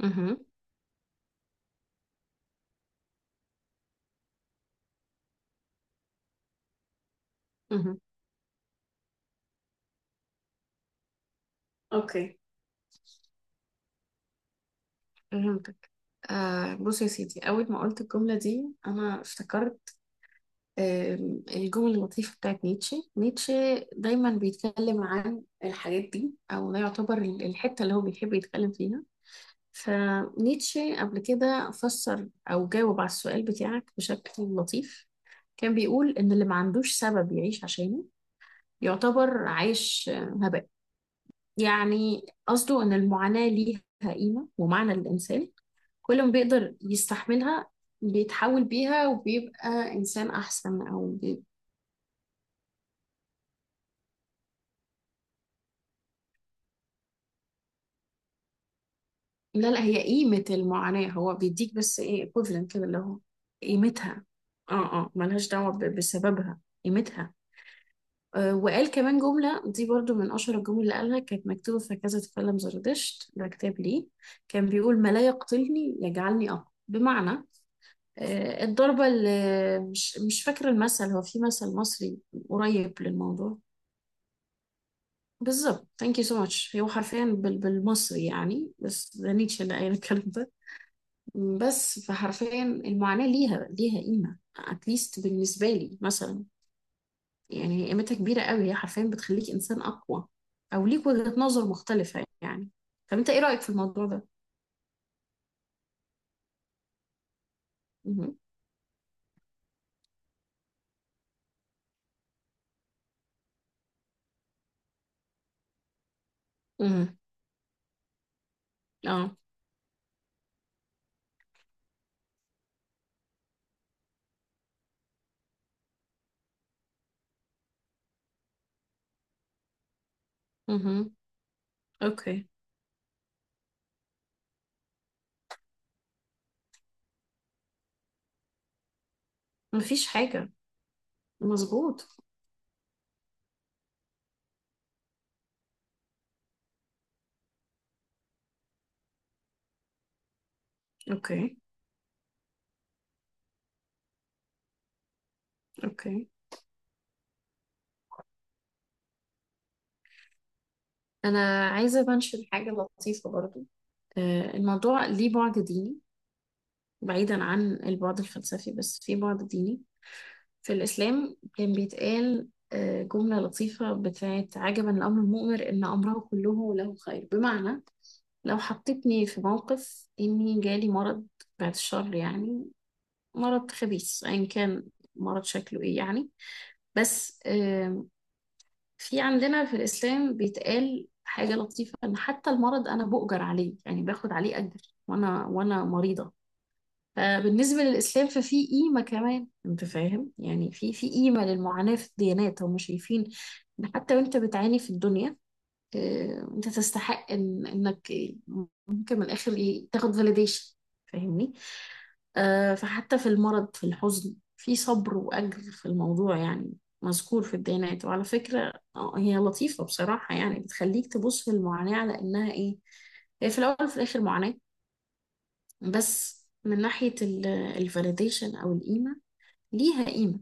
مهم. مهم. اوكي، فهمتك. آه، بص يا سيدي، أول ما قلت الجملة دي أنا افتكرت الجمل اللطيفة بتاعت نيتشه. دايما بيتكلم عن الحاجات دي، أو ده يعتبر الحتة اللي هو بيحب يتكلم فيها. فنيتشه قبل كده فسر أو جاوب على السؤال بتاعك بشكل لطيف. كان بيقول إن اللي ما عندوش سبب يعيش عشانه يعتبر عايش هباء. يعني قصده إن المعاناة ليها قيمة ومعنى للإنسان. كل ما بيقدر يستحملها بيتحول بيها وبيبقى إنسان أحسن، أو بي... لا لا، هي قيمة المعاناة هو بيديك، بس إيه equivalent كده اللي هو قيمتها. اه ملهاش دعوة بسببها. قيمتها. آه، وقال كمان جملة دي برضو من أشهر الجمل اللي قالها، كانت مكتوبة في كذا تكلم زردشت، ده كتاب ليه. كان بيقول ما لا يقتلني يجعلني أقوى، بمعنى آه، الضربة اللي مش فاكرة المثل، هو في مثل مصري قريب للموضوع. بالظبط، thank you so much، هو حرفيا بالمصري يعني، بس ده نيتشه اللي قايل الكلام ده. بس فحرفيا المعاناة ليها قيمة at least بالنسبة لي مثلا. يعني هي قيمتها كبيرة قوي، هي حرفيا بتخليك إنسان أقوى، أو ليك وجهة نظر مختلفة يعني. طب أنت إيه رأيك في الموضوع ده؟ مهم. مهم. اه. مهم. أوكي. مفيش حاجة. مظبوط. أوكي. أوكي، أنا عايزة منشن حاجة لطيفة برضو. آه، الموضوع ليه بعد ديني، بعيدا عن البعد الفلسفي، بس في بعد ديني. في الإسلام كان بيتقال آه، جملة لطيفة بتاعت عجبا لأمر المؤمن إن أمره كله له خير، بمعنى لو حطيتني في موقف إني جالي مرض، بعد الشر يعني، مرض خبيث أيا كان، مرض شكله إيه يعني. بس في عندنا في الإسلام بيتقال حاجة لطيفة، إن حتى المرض أنا بؤجر عليه، يعني باخد عليه أجر وأنا وأنا مريضة. آه، بالنسبة للإسلام ففي قيمة كمان، أنت فاهم يعني؟ في قيمة للمعاناة في الديانات، هم شايفين إن حتى وأنت بتعاني في الدنيا آه، أنت تستحق إنك ممكن من الآخر إيه تاخد فاليديشن. فاهمني؟ آه، فحتى في المرض، في الحزن، في صبر وأجر في الموضوع يعني، مذكور في الديانات. وعلى فكرة آه، هي لطيفة بصراحة يعني، بتخليك تبص للمعاناة على إنها إيه. هي في الأول وفي الآخر معاناة، بس من ناحية الفاليديشن أو القيمة، ليها قيمة،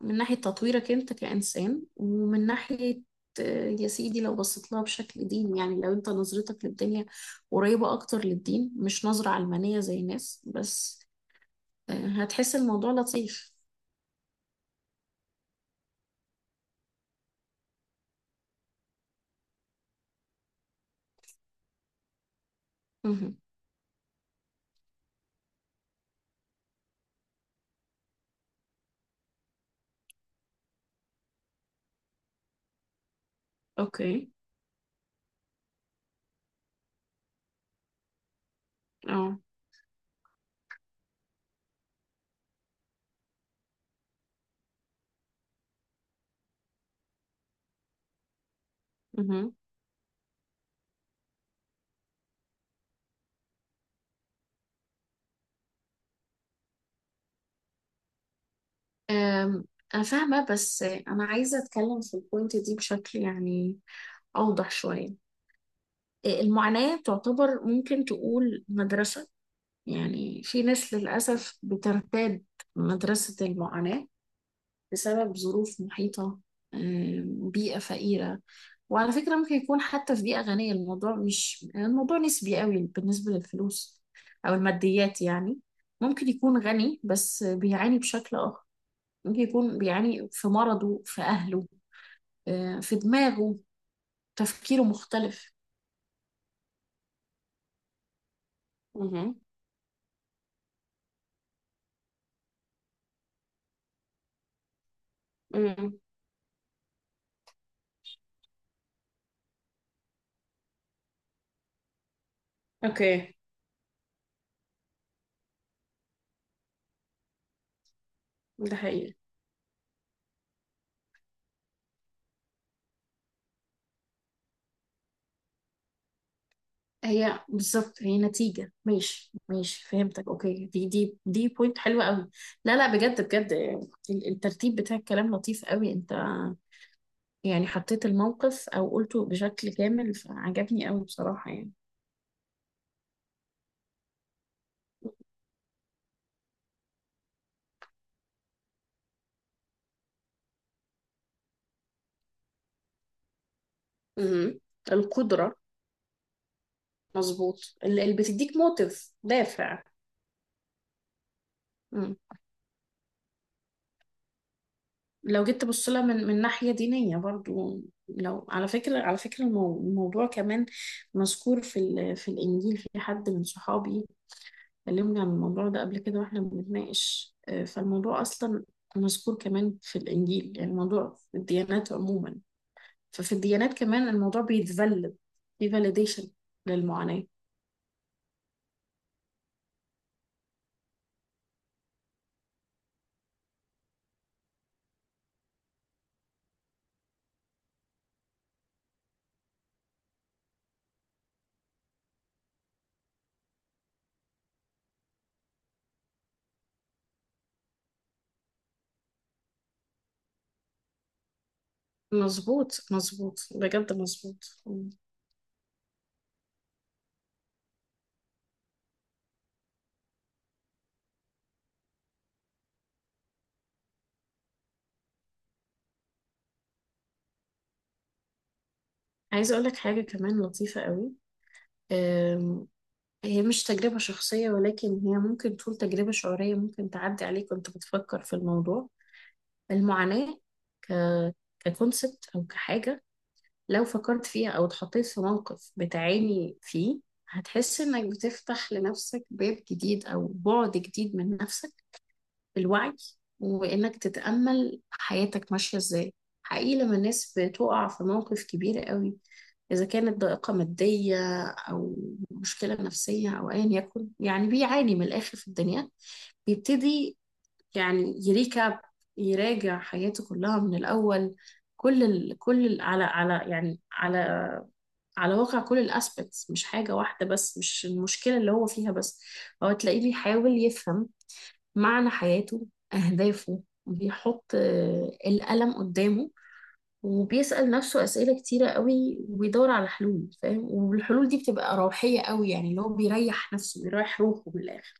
من ناحية تطويرك أنت كإنسان، ومن ناحية آه، يا سيدي لو بصيت لها بشكل ديني يعني، لو أنت نظرتك للدنيا قريبة أكتر للدين مش نظرة علمانية زي الناس بس، آه، هتحس الموضوع لطيف. مهم. أوكي. أه. مهم. آم، أنا فاهمة، بس آه، أنا عايزة أتكلم في البوينت دي بشكل يعني أوضح شوية. المعاناة تعتبر ممكن تقول مدرسة، يعني في ناس للأسف بترتاد مدرسة المعاناة بسبب ظروف محيطة، بيئة فقيرة. وعلى فكرة ممكن يكون حتى في بيئة غنية الموضوع مش، الموضوع نسبي قوي بالنسبة للفلوس أو الماديات يعني. ممكن يكون غني بس بيعاني بشكل آخر، ممكن يكون بيعاني في مرضه، في أهله، آه، في دماغه، تفكيره مختلف. مهم. مم. اوكي. ده حقيقي. هي بالظبط، هي نتيجة. ماشي ماشي، فهمتك. اوكي، دي بوينت حلوة قوي. لا لا، بجد بجد، الترتيب بتاع الكلام لطيف قوي، انت يعني حطيت الموقف او قلته بشكل كامل، فعجبني قوي بصراحة يعني. امم. القدرة. مظبوط، اللي بتديك موتيف، دافع. امم. لو جيت تبص لها من من ناحية دينية برضو، لو على فكرة، على فكرة الموضوع كمان مذكور في في الإنجيل. في حد من صحابي اتكلمنا عن الموضوع ده قبل كده واحنا بنتناقش، آه، فالموضوع اصلا مذكور كمان في الانجيل. يعني الموضوع في الديانات عموما، ففي الديانات كمان الموضوع بيتفلد، في فاليديشن للمعاناة. مظبوط مظبوط، بجد مظبوط. عايزة اقول لك حاجة كمان لطيفة قوي. آم، هي مش تجربة شخصية، ولكن هي ممكن تكون تجربة شعورية ممكن تعدي عليك وانت بتفكر في الموضوع. المعاناة ك ككونسبت او كحاجة، لو فكرت فيها او اتحطيت في موقف بتعاني فيه، هتحس انك بتفتح لنفسك باب جديد او بعد جديد من نفسك بالوعي، وانك تتأمل حياتك ماشية ازاي. حقيقي لما الناس بتقع في موقف كبير قوي، اذا كانت ضائقة مادية او مشكلة نفسية او ايا يكن يعني، بيعاني من الاخر في الدنيا، بيبتدي يعني يريكاب، يراجع حياته كلها من الأول. كل ال... كل ال... على على يعني على على واقع كل الاسبكتس، مش حاجة واحدة بس، مش المشكلة اللي هو فيها بس. هو تلاقيه بيحاول يفهم معنى حياته، أهدافه، بيحط آه، القلم قدامه وبيسأل نفسه أسئلة كتيرة قوي، وبيدور على حلول، فاهم؟ والحلول دي بتبقى روحية قوي يعني، اللي هو بيريح نفسه، بيريح روحه من الآخر.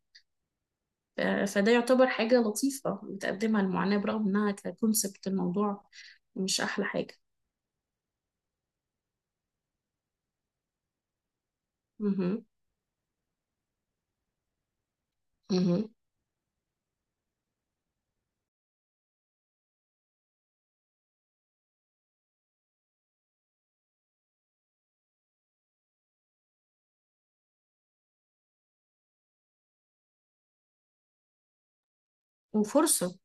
فده يعتبر حاجة لطيفة بتقدمها المعاناة، برغم إنها ككونسبت الموضوع مش أحلى حاجة. مهم. مهم. وفرصة.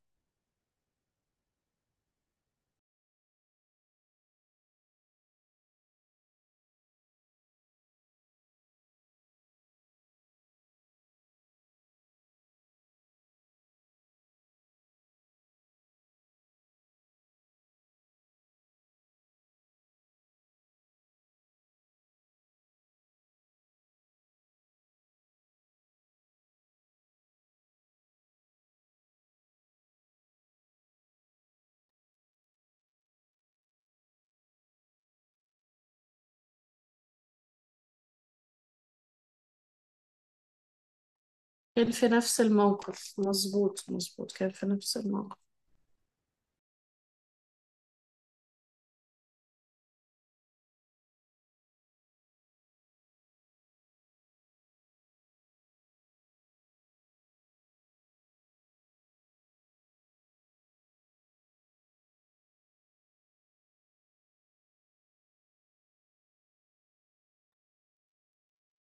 كان في نفس الموقف، مظبوط مظبوط، كان في نفس الموقف.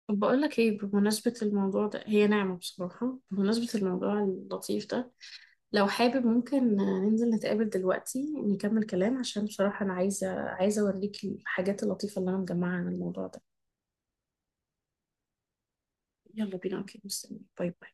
طب بقول لك ايه، بمناسبة الموضوع ده هي نعمة بصراحة. بمناسبة الموضوع اللطيف ده، لو حابب ممكن ننزل نتقابل دلوقتي نكمل كلام، عشان بصراحة أنا عايزة أوريك الحاجات اللطيفة اللي أنا مجمعها عن الموضوع ده. يلا بينا. أوكي، مستني. باي باي.